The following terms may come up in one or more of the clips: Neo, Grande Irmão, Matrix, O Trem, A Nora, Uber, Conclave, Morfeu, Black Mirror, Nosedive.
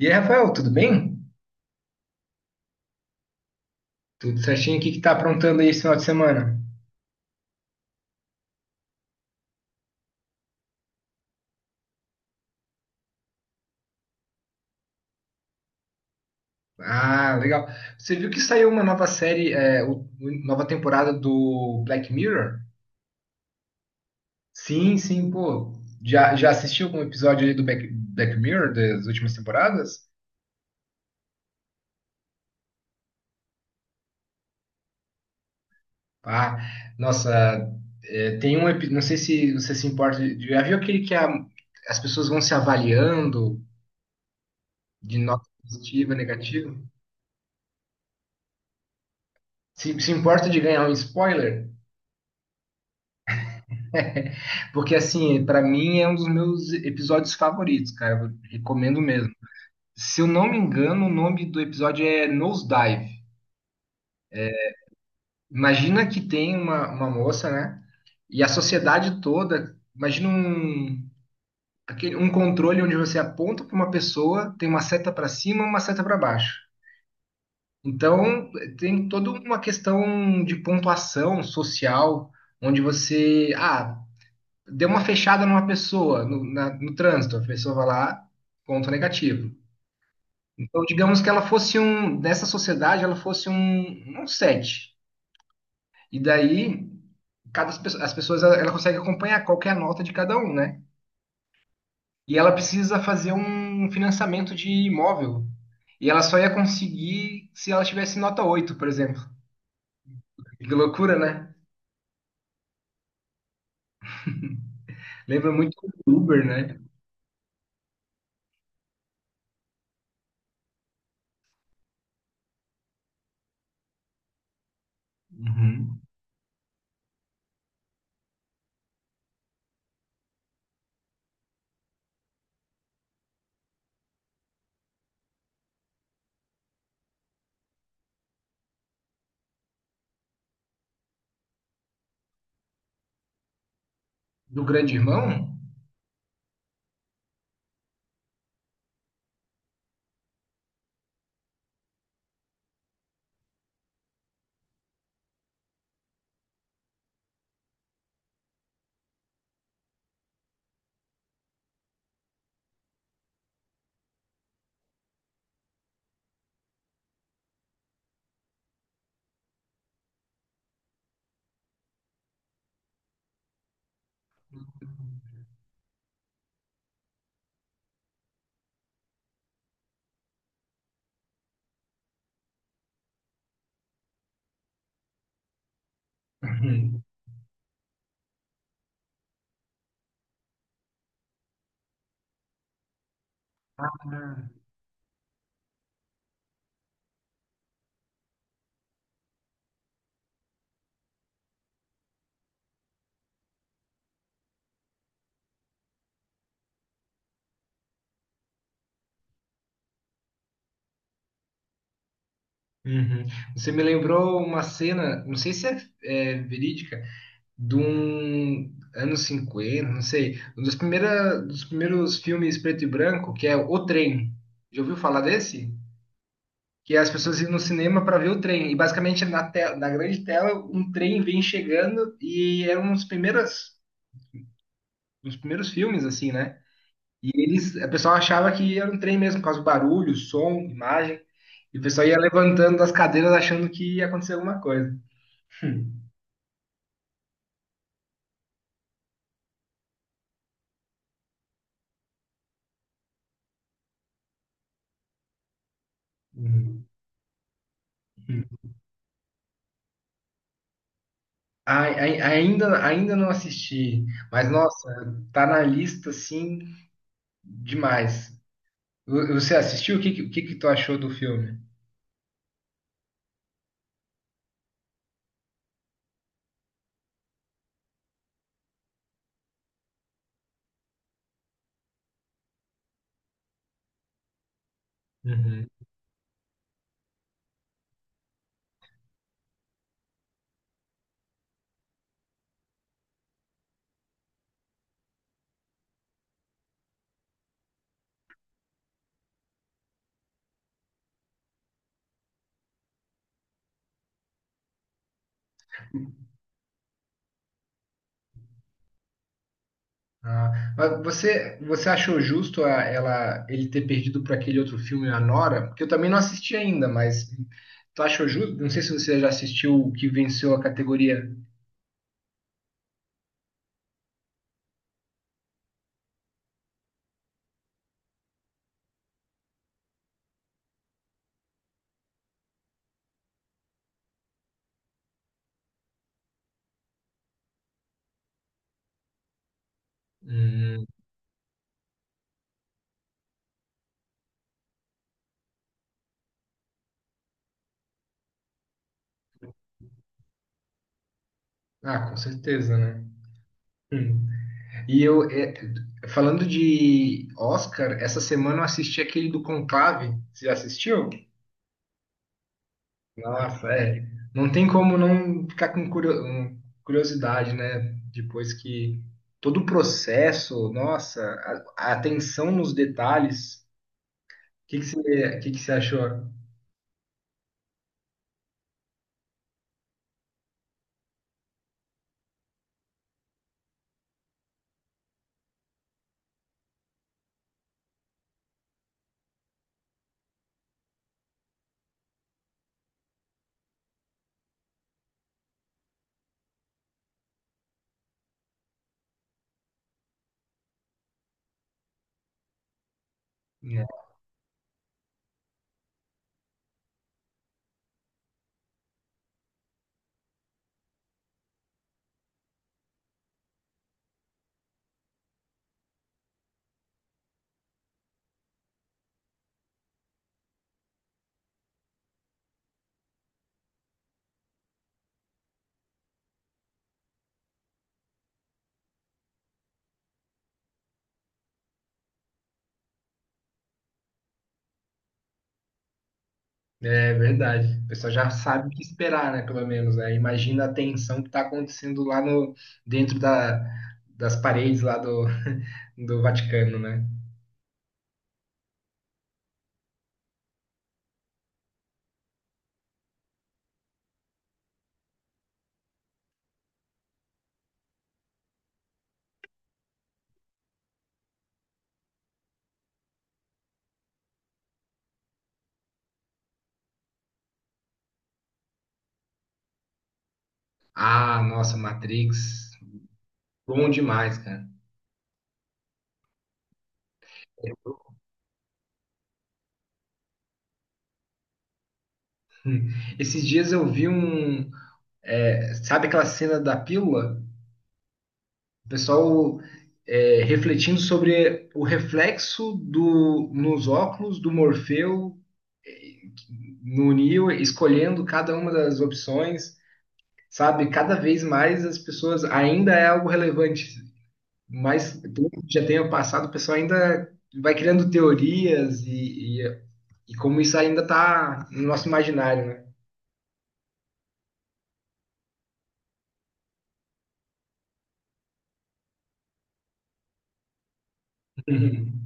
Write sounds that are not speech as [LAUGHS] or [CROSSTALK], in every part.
E aí, Rafael, tudo bem? Tudo certinho? O que que tá aprontando aí esse final de semana? Ah, legal. Você viu que saiu uma nova série, nova temporada do Black Mirror? Sim, sim, pô. Já assistiu algum episódio aí do Black Mirror das últimas temporadas? Ah, nossa, é, tem um episódio, não sei se você se importa, já viu aquele que as pessoas vão se avaliando de nota positiva, negativa? Se importa de ganhar um spoiler? Porque, assim, pra mim é um dos meus episódios favoritos, cara. Eu recomendo mesmo. Se eu não me engano, o nome do episódio é Nosedive. Imagina que tem uma moça, né? E a sociedade toda. Imagina um controle onde você aponta para uma pessoa, tem uma seta para cima e uma seta para baixo. Então, tem toda uma questão de pontuação social, onde você. Ah, deu uma fechada numa pessoa no trânsito, a pessoa vai lá, ponto negativo. Então, digamos que nessa sociedade, ela fosse um 7. E daí, as pessoas, ela consegue acompanhar qual que é a nota de cada um, né? E ela precisa fazer um financiamento de imóvel. E ela só ia conseguir se ela tivesse nota 8, por exemplo. Que loucura, né? Lembra muito do Uber, né? Uhum. Do Grande Irmão? Uhum. Uhum. Você me lembrou uma cena, não sei se é verídica, de um anos 50, não sei, um dos primeiros filmes preto e branco, que é O Trem. Já ouviu falar desse? Que as pessoas iam no cinema para ver o trem. E basicamente na na grande tela um trem vem chegando e era um dos primeiros filmes, assim, né? E eles, a pessoa achava que era um trem mesmo, por causa do barulho, som, imagem. E o pessoal ia levantando das cadeiras achando que ia acontecer alguma coisa. [LAUGHS] Uhum. Ainda não assisti, mas nossa, tá na lista assim demais. Você assistiu? O que que tu achou do filme? Uhum. Ah, mas você achou justo ele ter perdido para aquele outro filme, A Nora? Porque eu também não assisti ainda, mas tu achou justo? Não sei se você já assistiu o que venceu a categoria. Hum. Ah, com certeza, né? Hum. E eu, é, Falando de Oscar, essa semana eu assisti aquele do Conclave. Você já assistiu? Nossa, é. Não tem como não ficar com curiosidade, né? Depois que todo o processo, nossa, a atenção nos detalhes. O que que você achou? Né? É verdade. O pessoal já sabe o que esperar, né? Pelo menos, né? Imagina a tensão que está acontecendo lá no, dentro das paredes lá do [LAUGHS] do Vaticano, né? Ah, nossa, Matrix, bom demais, cara. [LAUGHS] Esses dias eu vi um. É, sabe aquela cena da pílula? O pessoal é, refletindo sobre o reflexo nos óculos do Morfeu é, no Neo, escolhendo cada uma das opções, sabe? Cada vez mais as pessoas ainda é algo relevante, mas pelo já tenha passado, o pessoal ainda vai criando teorias. E como isso ainda está no nosso imaginário, né? Uhum.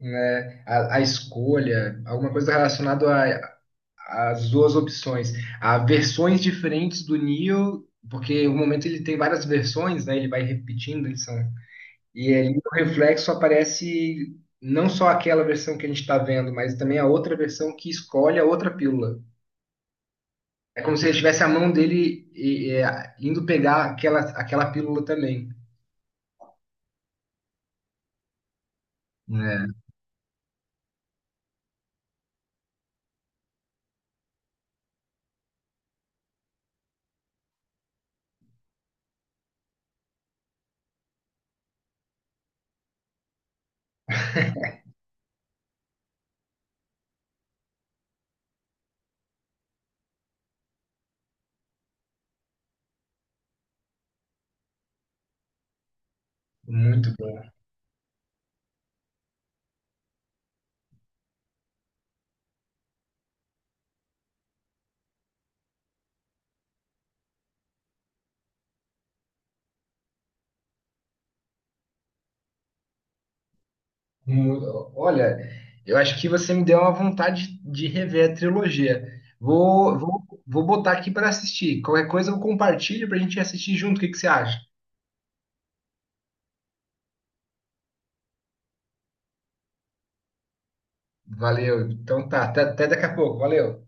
Né? A escolha, alguma coisa relacionada às duas opções. Há versões diferentes do Neo, porque o momento ele tem várias versões, né? Ele vai repetindo, eles são... E ali no reflexo aparece não só aquela versão que a gente está vendo, mas também a outra versão que escolhe a outra pílula. É como se ele tivesse a mão dele e indo pegar aquela pílula também. Né? Muito bom. Olha, eu acho que você me deu uma vontade de rever a trilogia. Vou botar aqui para assistir. Qualquer coisa eu compartilho para a gente assistir junto. O que que você acha? Valeu. Então tá, até daqui a pouco. Valeu.